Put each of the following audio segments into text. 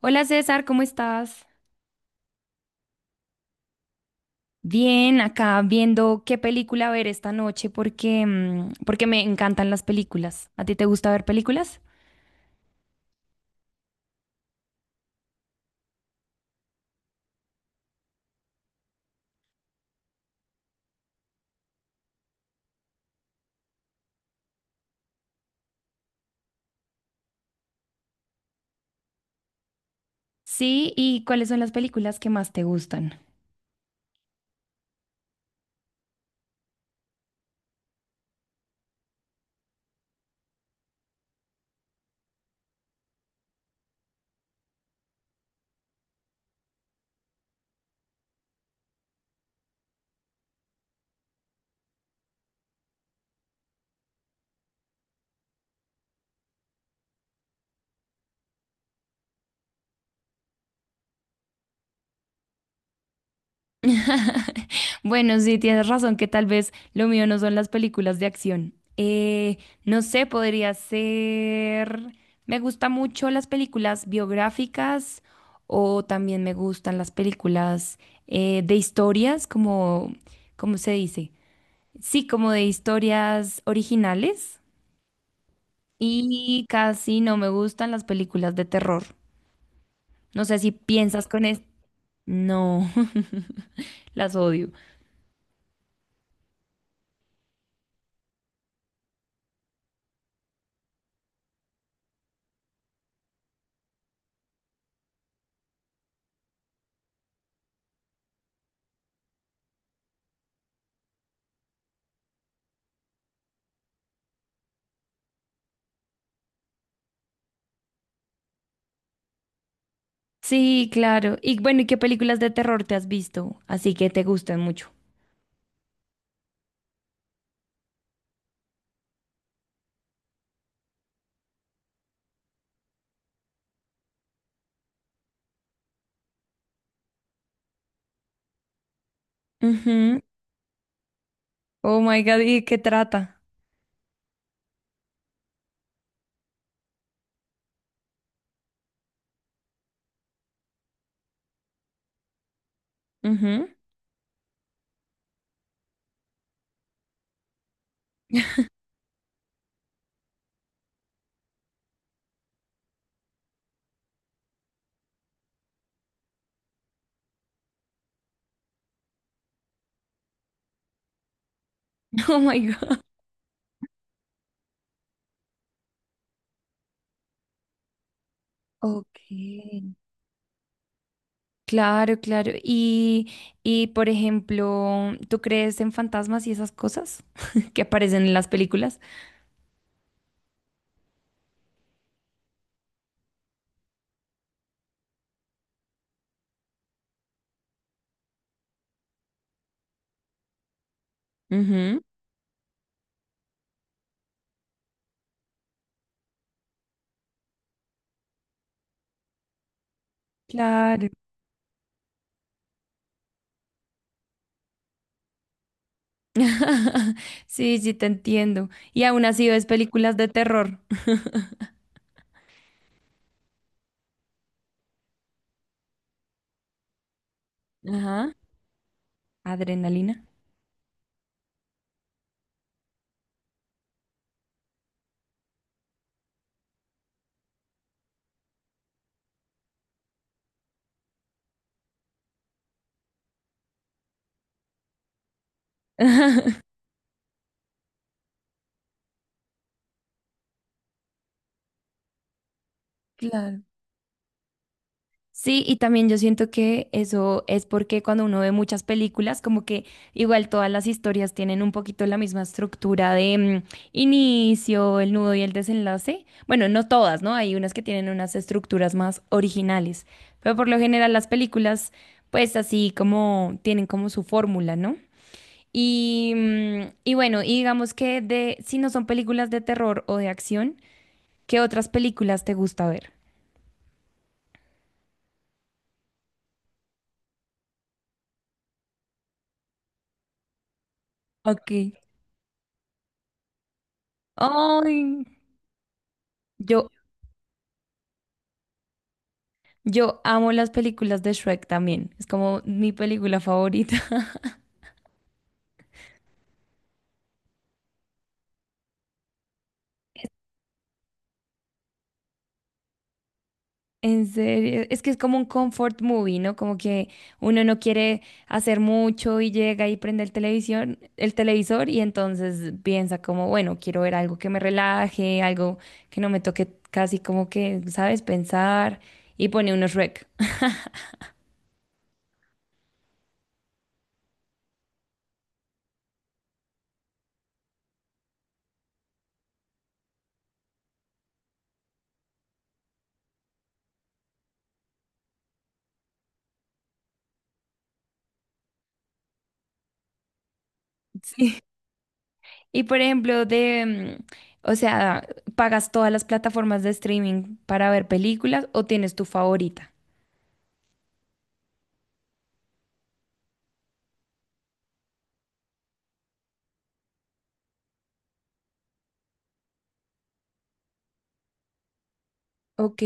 Hola César, ¿cómo estás? Bien, acá viendo qué película ver esta noche porque, porque me encantan las películas. ¿A ti te gusta ver películas? Sí, ¿y cuáles son las películas que más te gustan? Bueno, sí, tienes razón que tal vez lo mío no son las películas de acción. No sé, podría ser. Me gustan mucho las películas biográficas o también me gustan las películas de historias, como, ¿cómo se dice? Sí, como de historias originales y casi no me gustan las películas de terror. No sé si piensas con esto. No, las odio. Sí, claro. Y bueno, ¿y qué películas de terror te has visto? Así que te gustan mucho. Ujú. Oh my God, ¿y de qué trata? Ujú. Oh my God. Okay. Claro, claro. Y por ejemplo, ¿tú crees en fantasmas y esas cosas que aparecen en las películas? Ujú. Claro. Sí, sí, te entiendo. Y aún así ves películas de terror. Ajá. Adrenalina. Claro. Sí, y también yo siento que eso es porque cuando uno ve muchas películas, como que igual todas las historias tienen un poquito la misma estructura de inicio, el nudo y el desenlace. Bueno, no todas, ¿no? Hay unas que tienen unas estructuras más originales, pero por lo general las películas, pues así como tienen como su fórmula, ¿no? Y, y bueno, y digamos que de, si no son películas de terror o de acción, ¿qué otras películas te gusta ver? Ok. Ay, yo, yo amo las películas de Shrek también. Es como mi película favorita. En serio, es que es como un comfort movie, ¿no? Como que uno no quiere hacer mucho y llega y prende el televisor y entonces piensa como, bueno, quiero ver algo que me relaje, algo que no me toque casi como que, ¿sabes? Pensar y pone unos Shrek. Sí. Y por ejemplo, de, o sea, ¿pagas todas las plataformas de streaming para ver películas o tienes tu favorita? Ok.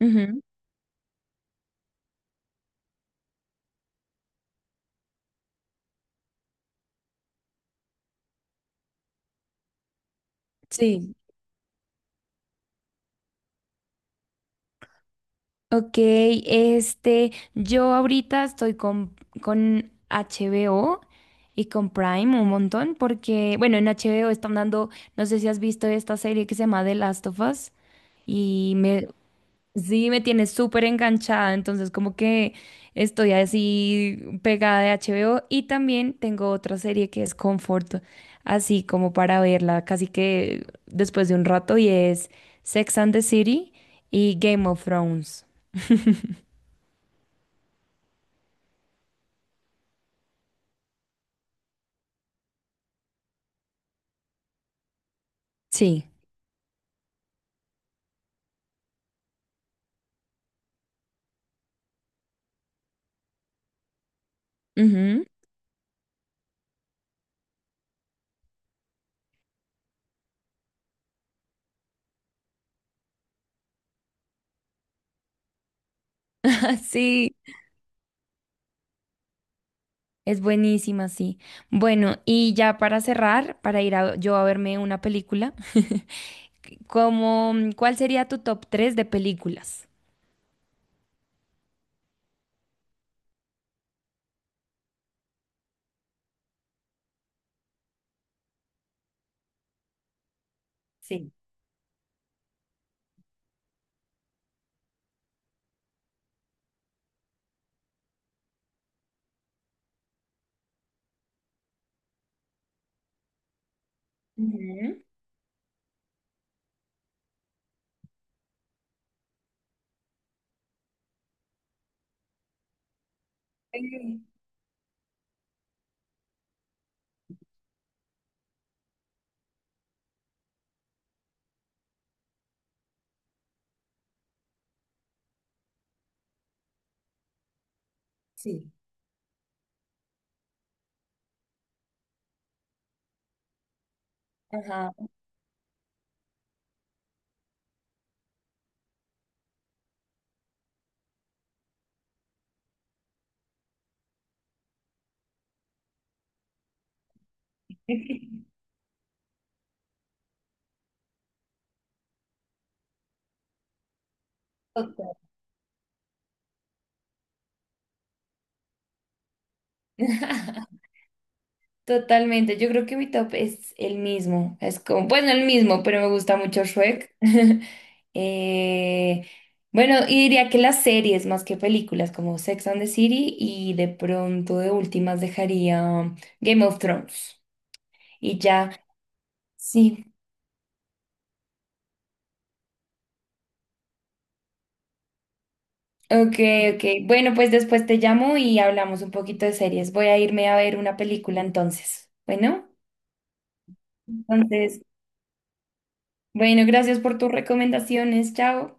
Ujú. Sí, Ok, este, yo ahorita estoy con HBO y con Prime un montón porque, bueno, en HBO están dando, no sé si has visto esta serie que se llama The Last of Us y me, sí, me tiene súper enganchada, entonces como que estoy así pegada de HBO y también tengo otra serie que es Comfort, así como para verla casi que después de un rato y es Sex and the City y Game of Thrones. Sí, ujú, Sí, es buenísima, sí. Bueno, y ya para cerrar, yo a verme una película, como, ¿cuál sería tu top 3 de películas? Sí. Ujú. Eh, Sí. Ajá. Total. Totalmente, yo creo que mi top es el mismo, es como, bueno, el mismo, pero me gusta mucho Shrek. Eh, bueno, y diría que las series más que películas, como Sex and the City, y de pronto de últimas dejaría Game of Thrones. Y ya, sí, ok, ok. Bueno, pues después te llamo y hablamos un poquito de series. Voy a irme a ver una película entonces. Bueno, entonces, bueno, gracias por tus recomendaciones, chao.